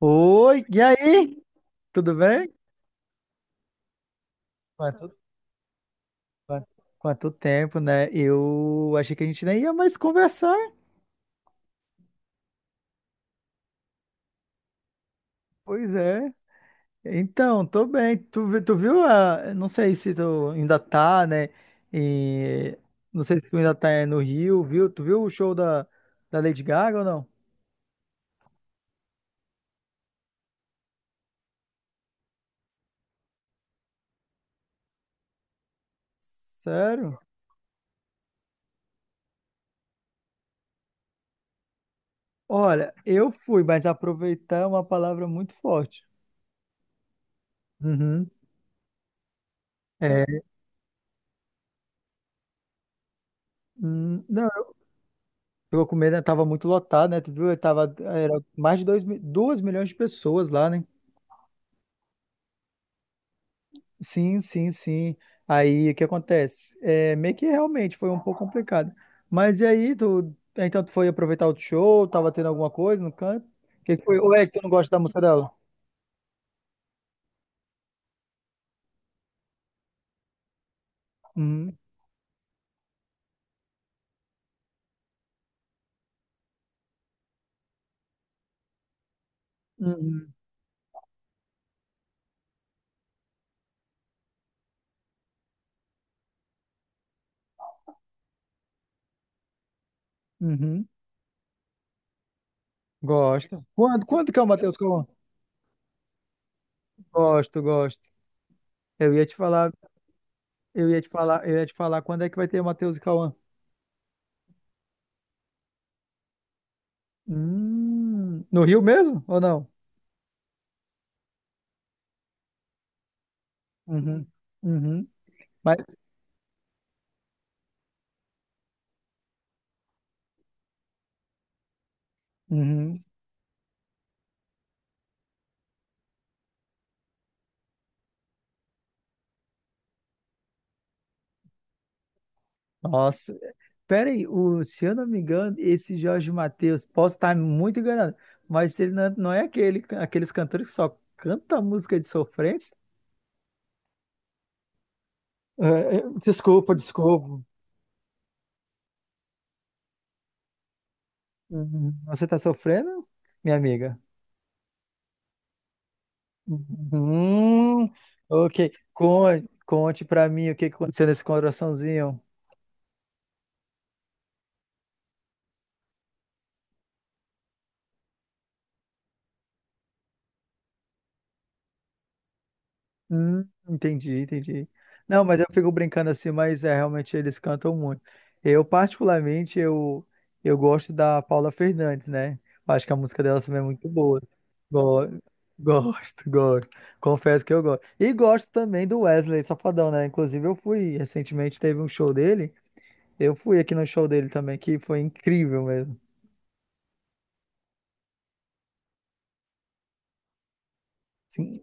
Oi, e aí? Tudo bem? Quanto, quanto, quanto tempo, né? Eu achei que a gente nem ia mais conversar. Pois é. Então, tô bem. Tu viu a... Não sei se tu ainda tá, né? E... Não sei se tu ainda tá é, no Rio, viu? Tu viu o show da Lady Gaga ou não? Sério? Olha, eu fui, mas aproveitar é uma palavra muito forte. Uhum. É. Não. Ficou com medo, né? Tava muito lotado, né? Tu viu? Tava, era mais de 2 milhões de pessoas lá, né? Sim, sim, sim. Aí o que acontece? É, meio que realmente foi um pouco complicado. Mas e aí, tu, então tu foi aproveitar o show? Tava tendo alguma coisa no canto? O que que foi? Ou é que tu não gosta da música dela? Uhum, uhum, uhum. Gosto. Quando que é o Matheus Cauã? Gosto, gosto. Eu ia te falar, eu ia te falar, eu ia te falar quando é que vai ter o Matheus e Cauã. No Rio mesmo ou não? Uhum, uhum, mas, uhum, nossa, peraí, o, se eu não me engano, esse Jorge Mateus, posso estar muito enganado, mas ele não, é, não é aquele, aqueles cantores que só canta música de sofrência? É, é, desculpa, desculpa. Uhum, você está sofrendo, minha amiga? Hum, ok, Conte para mim o que que aconteceu nesse coraçãozinho. Entendi, entendi. Não, mas eu fico brincando assim, mas é, realmente eles cantam muito. Eu, particularmente, eu gosto da Paula Fernandes, né? Eu acho que a música dela também é muito boa. Go- Gosto, gosto. Confesso que eu gosto. E gosto também do Wesley Safadão, né? Inclusive, eu fui recentemente, teve um show dele. Eu fui aqui no show dele também, que foi incrível mesmo. Sim,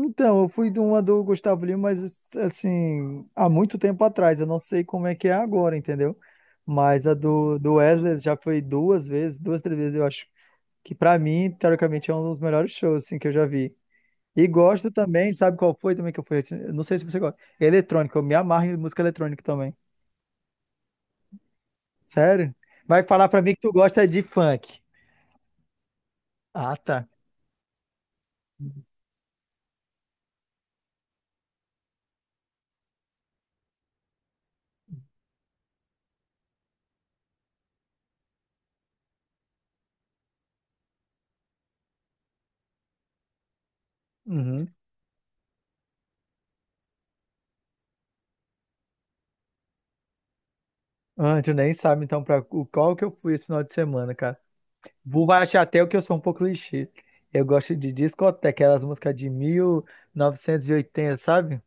então, eu fui de uma do Gustavo Lima, mas assim, há muito tempo atrás. Eu não sei como é que é agora, entendeu? Mas a do Wesley já foi duas vezes, duas, três vezes, eu acho que pra mim, teoricamente, é um dos melhores shows assim, que eu já vi. E gosto também, sabe qual foi também que eu fui? Eu não sei se você gosta. Eletrônica, eu me amarro em música eletrônica também. Sério? Vai falar pra mim que tu gosta de funk. Ah, tá. Uhum. Ah, tu nem sabe então qual que eu fui esse final de semana, cara. Vou vai achar até o que eu sou um pouco clichê. Eu gosto de discoteca, aquelas músicas de 1980, sabe?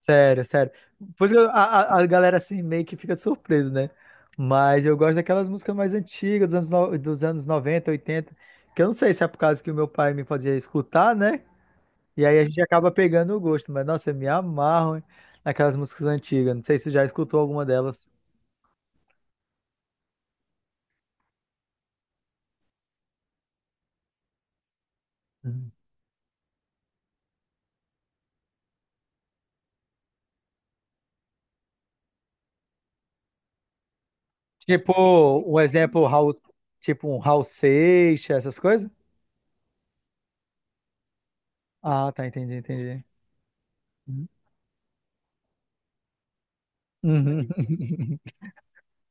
Sério, sério. Por isso que a galera assim meio que fica surpresa, né? Mas eu gosto daquelas músicas mais antigas, dos anos, no- dos anos 90, 80, que eu não sei se é por causa que o meu pai me fazia escutar, né? E aí a gente acaba pegando o gosto. Mas, nossa, eu me amarro hein, naquelas músicas antigas. Não sei se você já escutou alguma delas. Uhum. Tipo, um exemplo, tipo um Raul Seixas, essas coisas? Ah, tá, entendi, entendi. Uhum.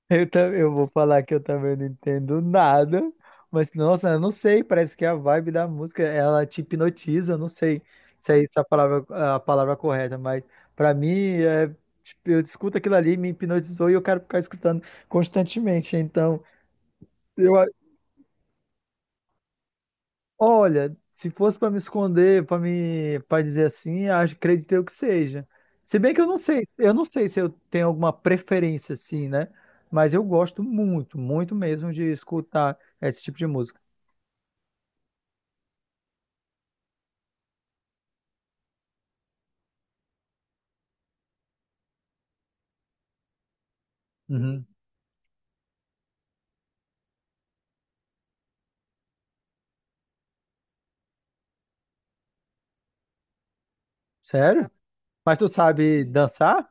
Eu vou falar que eu também não entendo nada, mas nossa, eu não sei, parece que a vibe da música, ela te hipnotiza, eu não sei se é essa a palavra correta, mas pra mim, é, tipo, eu escuto aquilo ali, me hipnotizou e eu quero ficar escutando constantemente, então eu, olha, se fosse para me esconder, para dizer assim, acho, acredito eu que seja. Se bem que eu não sei se eu tenho alguma preferência assim, né? Mas eu gosto muito, muito mesmo de escutar esse tipo de música. Uhum. Sério? Mas tu sabe dançar?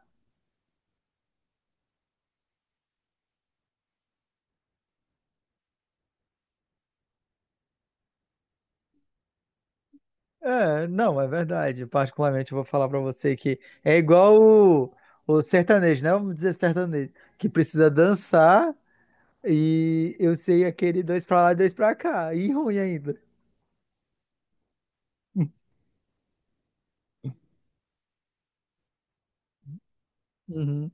É, não, é verdade. Particularmente, eu vou falar para você que é igual o, o sertanejo, né? Vamos dizer sertanejo, que precisa dançar e eu sei aquele dois para lá e dois para cá. E ruim ainda. Uhum.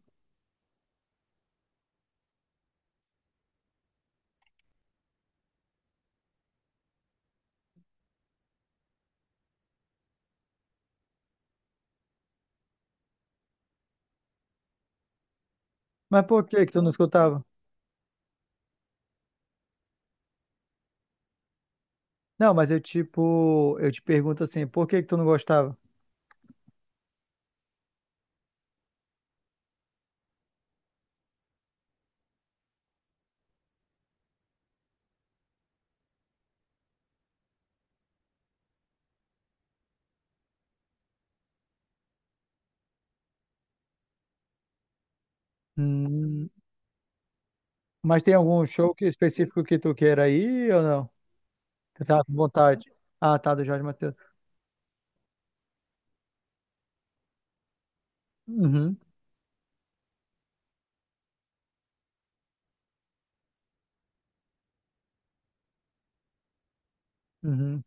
Mas por que que tu não escutava? Não, mas eu tipo, eu te pergunto assim, por que que tu não gostava? Hum, mas tem algum específico que tu queira ir ou não? Tu tá com vontade? Ah, tá, do Jorge Mateus. Uhum, uhum.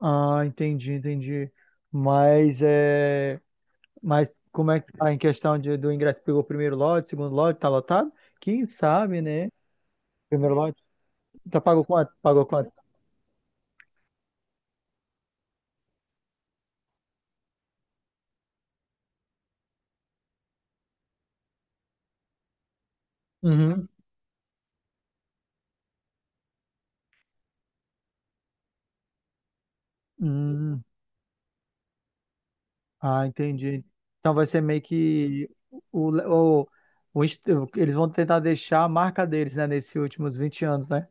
Ah, entendi, entendi. Mas é. Mas como é que tá em questão de, do ingresso? Pegou o primeiro lote, segundo lote, tá lotado? Quem sabe, né? Primeiro lote. Tá pago quanto? Pagou quanto? Uhum. Hum. Ah, entendi. Então vai ser meio que o, o, o inst- eles vão tentar deixar a marca deles, né, nesses últimos 20 anos, né?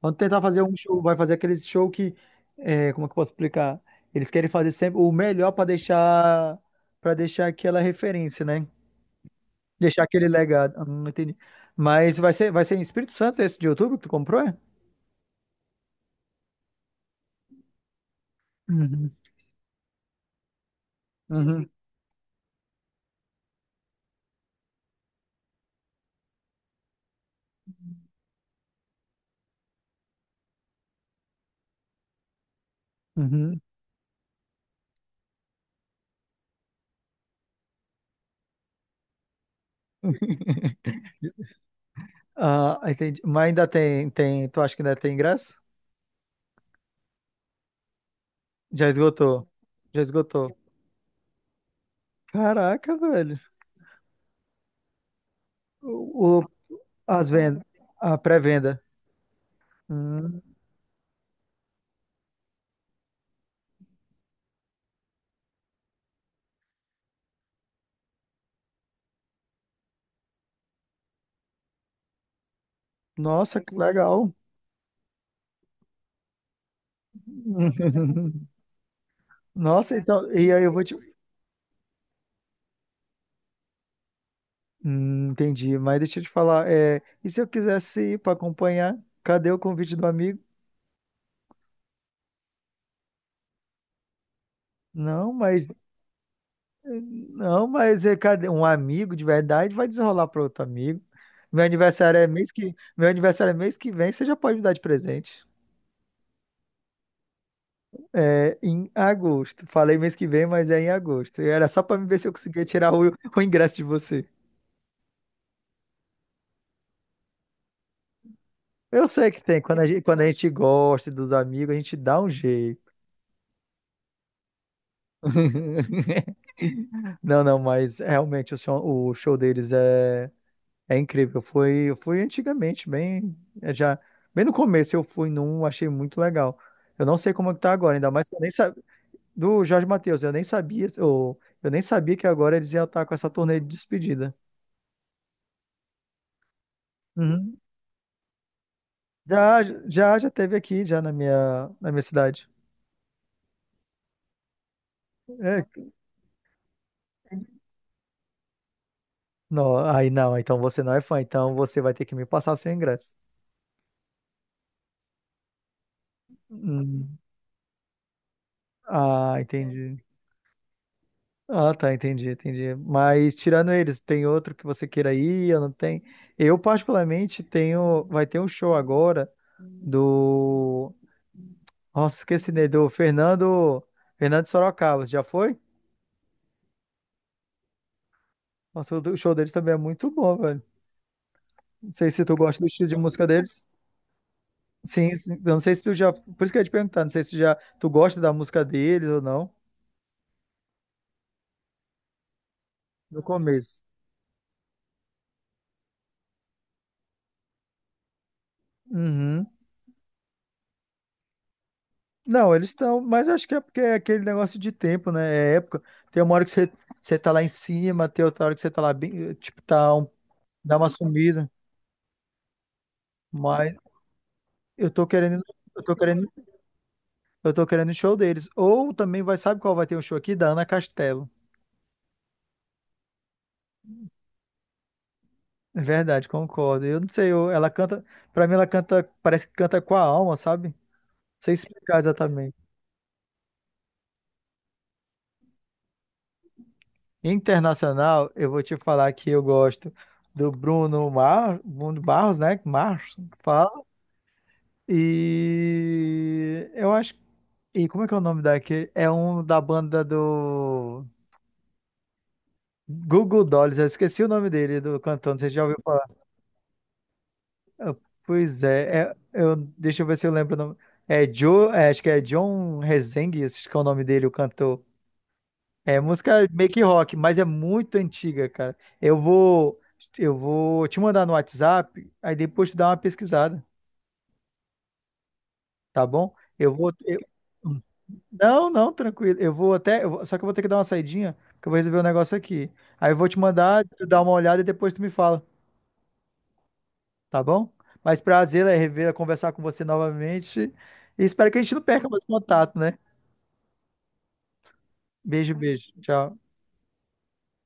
Vão tentar fazer um show, vai fazer aquele show que, é, como é que eu posso explicar? Eles querem fazer sempre o melhor para deixar aquela referência, né? Deixar aquele legado. Entendi. Mas vai ser em Espírito Santo esse de outubro que tu comprou, é? Uhum. Uhum. Uhum. Ah, entendi. Mas ainda tem, tem. Tu acha que ainda tem ingresso? Já esgotou. Já esgotou. Caraca, velho. O, o- As vendas. A pré-venda. Hum, nossa, que legal. Nossa, então. E aí eu vou te. Entendi. Mas deixa eu te falar. É, e se eu quisesse ir para acompanhar? Cadê o convite do amigo? Não, mas Não, mas é, cadê? Um amigo de verdade vai desenrolar para outro amigo. Meu aniversário é mês que vem, você já pode me dar de presente. É em agosto. Falei mês que vem, mas é em agosto. E era só para me ver se eu conseguia tirar o ingresso de você. Eu sei que tem. Quando a gente gosta dos amigos, a gente dá um jeito. Não, não, mas realmente o show deles é. É incrível. Foi, eu fui antigamente, é já, bem no começo eu fui num, achei muito legal. Eu não sei como é que tá agora, ainda mais que eu nem sabia do Jorge Mateus, eu nem sabia, ou eu nem sabia que agora eles iam estar com essa turnê de despedida. Uhum. Já, já, já teve aqui, já na minha cidade. É, não, aí não, então você não é fã, então você vai ter que me passar seu ingresso. Hum, ah, entendi. Ah, tá, entendi, entendi. Mas tirando eles, tem outro que você queira ir? Eu não tenho. Eu particularmente tenho, vai ter um show agora do, nossa, esqueci dele, do Fernando Sorocaba, já foi? Nossa, o show deles também é muito bom, velho. Não sei se tu gosta do estilo de música deles. Sim, sim. Eu não sei se tu já, por isso que eu ia te perguntar, não sei se já tu gosta da música deles ou não, no começo. Uhum. Não, eles estão, mas acho que é porque é aquele negócio de tempo, né? É época. Tem uma hora que você, você tá lá em cima, tem outra hora que você tá lá bem, tipo, tá um, dá uma sumida. Mas eu tô querendo, eu tô querendo, eu tô querendo o show deles. Ou também vai, sabe qual vai ter um show aqui? Da Ana Castelo. É verdade, concordo. Eu não sei, eu- Ela canta, pra mim ela canta, parece que canta com a alma, sabe? Não sei explicar exatamente. Internacional, eu vou te falar que eu gosto do Bruno Barros, né? Marros, fala. E eu acho. E como é que é o nome daquele? É um da banda do Google Dolls. Eu esqueci o nome dele, do cantor. Você já ouviu falar? Ah, pois é, eu... deixa eu ver se eu lembro o nome. Acho que é John Rezende, acho que é o nome dele, o cantor. É música meio que rock, mas é muito antiga, cara. Eu vou te mandar no WhatsApp, aí depois tu dá uma pesquisada, tá bom? Eu vou, eu- Não, não, tranquilo. Eu vou até. Eu vou- Só que eu vou ter que dar uma saidinha, porque eu vou resolver um negócio aqui. Aí eu vou te mandar, tu dá uma olhada e depois tu me fala, tá bom? Mas prazer é rever, é conversar com você novamente. E espero que a gente não perca mais contato, né? Beijo, beijo. Tchau.